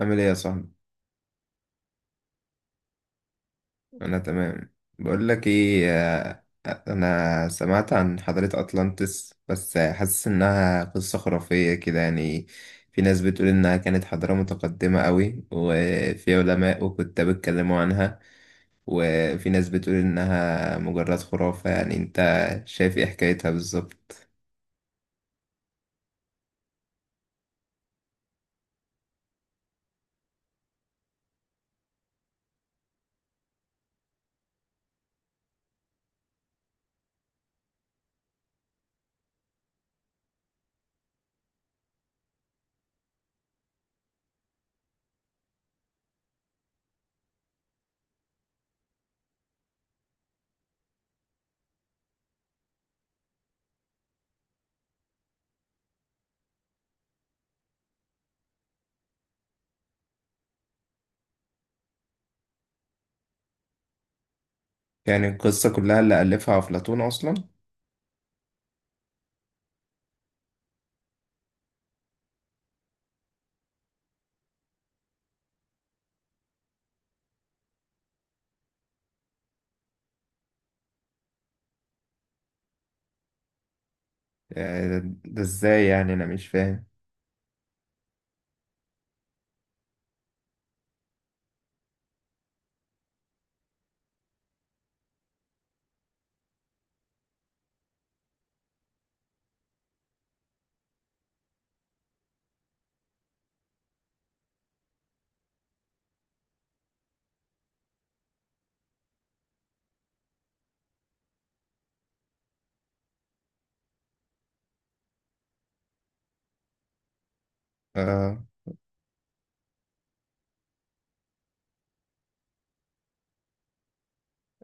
عامل ايه يا صاحبي؟ انا تمام. بقول لك ايه، انا سمعت عن حضارة اطلانتس، بس حاسس انها قصة خرافية كده يعني. في ناس بتقول انها كانت حضارة متقدمة قوي وفي علماء وكتاب اتكلموا عنها، وفي ناس بتقول انها مجرد خرافة. يعني انت شايف ايه حكايتها بالظبط؟ يعني القصة كلها اللي ألفها أفلاطون أصلا؟ ده ده ازاي يعني؟ أنا مش فاهم. آه.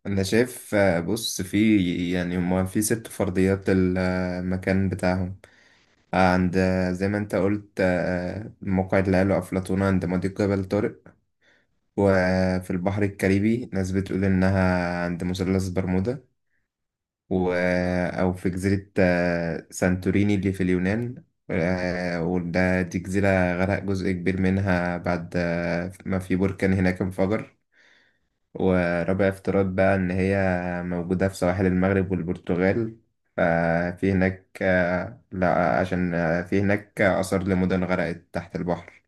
انا شايف، بص، في يعني هما في ست فرضيات المكان بتاعهم. عند، زي ما انت قلت، موقع اللي قاله افلاطون عند مضيق جبل طارق. وفي البحر الكاريبي ناس بتقول انها عند مثلث برمودا. و او في جزيرة، سانتوريني اللي في اليونان. آه، وده دي جزيرة غرق جزء كبير منها بعد، ما في بركان هناك انفجر. ورابع افتراض بقى إن هي موجودة في سواحل المغرب والبرتغال. ففي هناك، آه، لا عشان، في هناك آثار لمدن غرقت تحت البحر.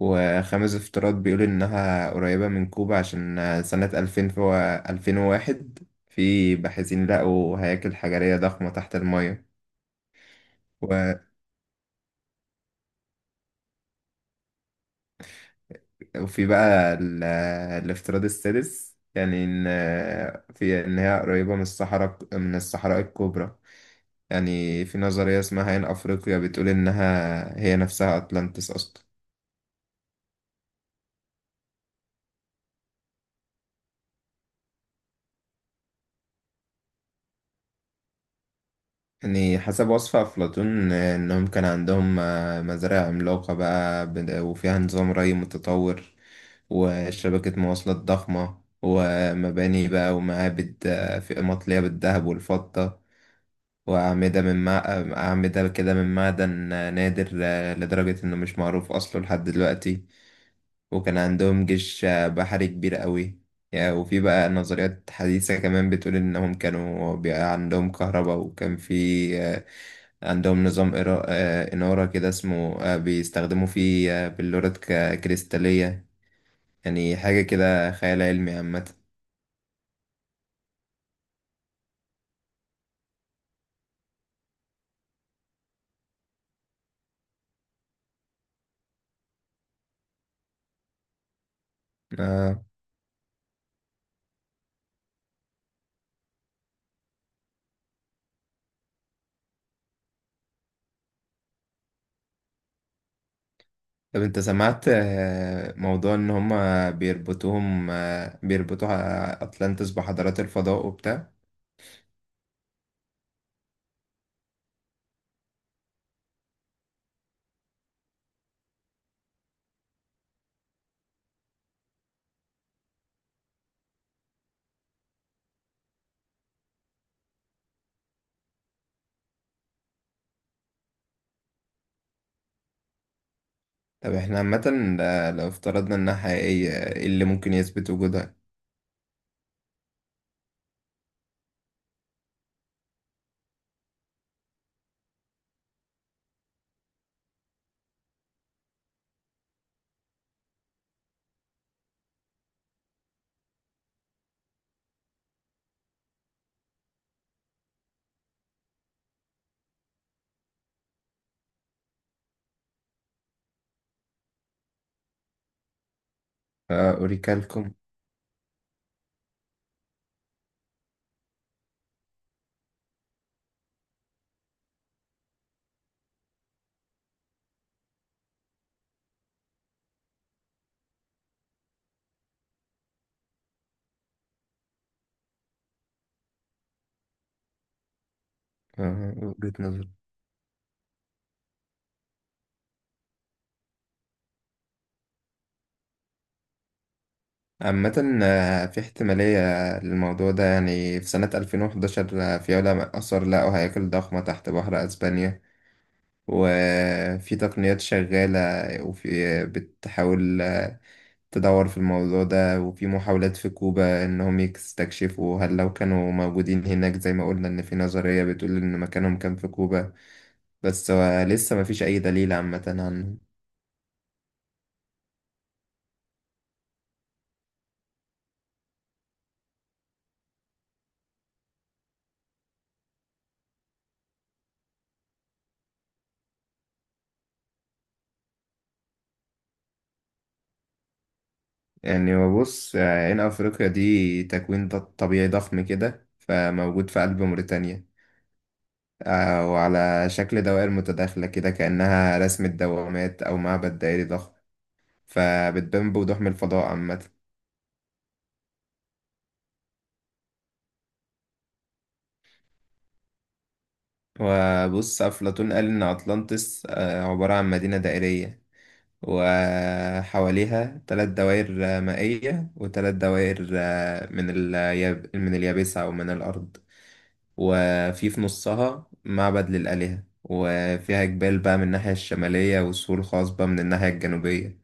وخامس افتراض بيقول إنها قريبة من كوبا، عشان، سنة ألفين وواحد في باحثين لقوا هياكل حجرية ضخمة تحت المية. و- وفي بقى الافتراض السادس، يعني إن، آه، في إن هي قريبة من الصحراء، من الصحراء الكبرى. يعني في نظرية اسمها عين أفريقيا بتقول إنها هي نفسها أتلانتس أصلا. يعني حسب وصف أفلاطون، إنهم كان عندهم، مزارع عملاقة بقى وفيها نظام ري متطور، وشبكة مواصلات ضخمة، ومباني بقى ومعابد، في مطلية بالذهب والفضة. وأعمدة من مع... أعمدة كده من معدن، نادر، لدرجة إنه مش معروف أصله لحد دلوقتي. وكان عندهم جيش، بحري كبير قوي يعني. وفي بقى نظريات حديثة كمان بتقول إنهم كانوا بقى عندهم كهرباء، وكان في، آه، عندهم نظام إنارة كده اسمه، بيستخدموا فيه، بلورات كريستالية. يعني حاجة كده خيال علمي عامة. آه، طب أنت سمعت، موضوع إن هما بيربطوهم آه، بيربطوا أتلانتس بحضارات الفضاء وبتاع؟ طب احنا عامة، لو افترضنا انها حقيقية، ايه اللي ممكن يثبت وجودها؟ أوريكالكم. وجهة نظر. عامة، في احتمالية للموضوع ده. يعني في سنة 2011، في علماء آثار لقوا هياكل ضخمة تحت بحر أسبانيا، وفي تقنيات شغالة وفي بتحاول، تدور في الموضوع ده. وفي محاولات في كوبا إنهم يستكشفوا، هل لو كانوا موجودين هناك زي ما قلنا إن في نظرية بتقول إن مكانهم كان في كوبا. بس، لسه مفيش أي دليل عامة عنه. يعني ببص، عين أفريقيا دي تكوين طبيعي ضخم كده، فموجود في قلب موريتانيا، وعلى شكل دوائر متداخلة كده، كأنها رسمة دوامات أو معبد دائري ضخم، فبتبان بوضوح من الفضاء عامة. وبص، أفلاطون قال إن أطلانتس، عبارة عن مدينة دائرية، وحواليها ثلاث دوائر، مائية، وثلاث دوائر، من اليابسة أو من الأرض. وفي نصها معبد للآلهة، وفيها جبال بقى من الناحية الشمالية، والسور الخاص بقى من الناحية الجنوبية.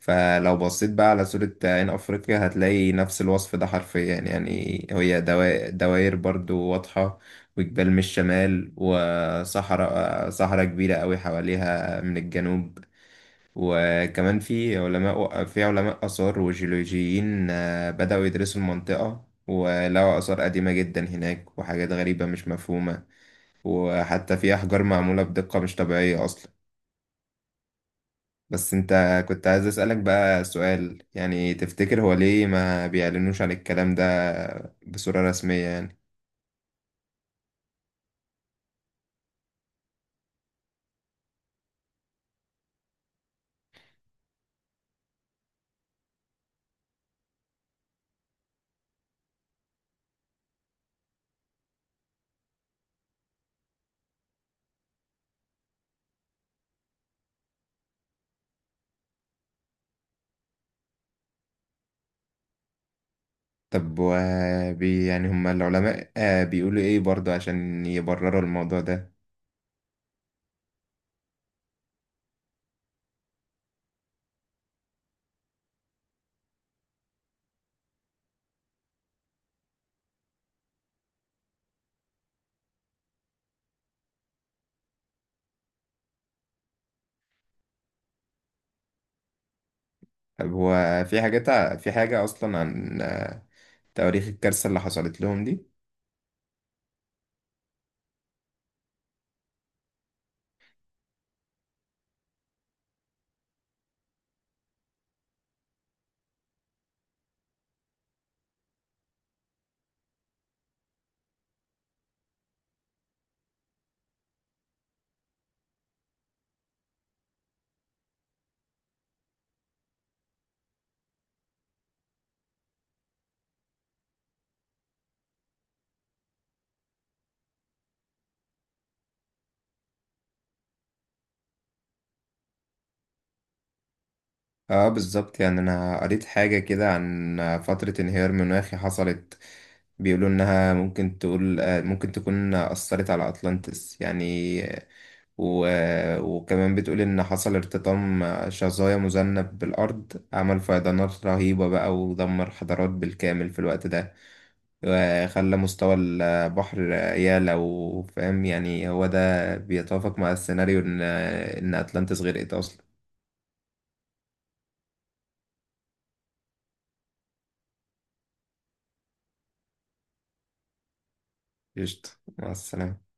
فلو بصيت بقى على صورة عين أفريقيا، هتلاقي نفس الوصف ده حرفيا. يعني هي دوائر برضو واضحة، وجبال من الشمال، صحراء كبيرة أوي حواليها من الجنوب. وكمان في علماء آثار وجيولوجيين، بدأوا يدرسوا المنطقة، ولقوا آثار قديمة جدا هناك، وحاجات غريبة مش مفهومة، وحتى في أحجار معمولة بدقة مش طبيعية أصلا. بس أنت، كنت عايز أسألك بقى سؤال، يعني تفتكر هو ليه ما بيعلنوش عن الكلام ده بصورة رسمية يعني؟ طب و يعني هما العلماء، بيقولوا إيه برضه عشان يبرروا الموضوع ده؟ طب هو في حاجات في حاجة أصلا عن، تواريخ الكارثة اللي حصلت لهم دي؟ اه بالظبط، يعني انا قريت حاجة كده عن فترة انهيار مناخي حصلت، بيقولوا انها ممكن تقول، ممكن تكون اثرت على اطلانتس يعني، آه، و... آه، وكمان بتقول ان حصل ارتطام شظايا مذنب بالارض، عمل فيضانات رهيبة بقى، ودمر حضارات بالكامل في الوقت ده، وخلى مستوى البحر يعلى. وفاهم يعني، هو ده بيتوافق مع السيناريو ان اتلانتس غرقت اصلا. قشطة، مع السلامة.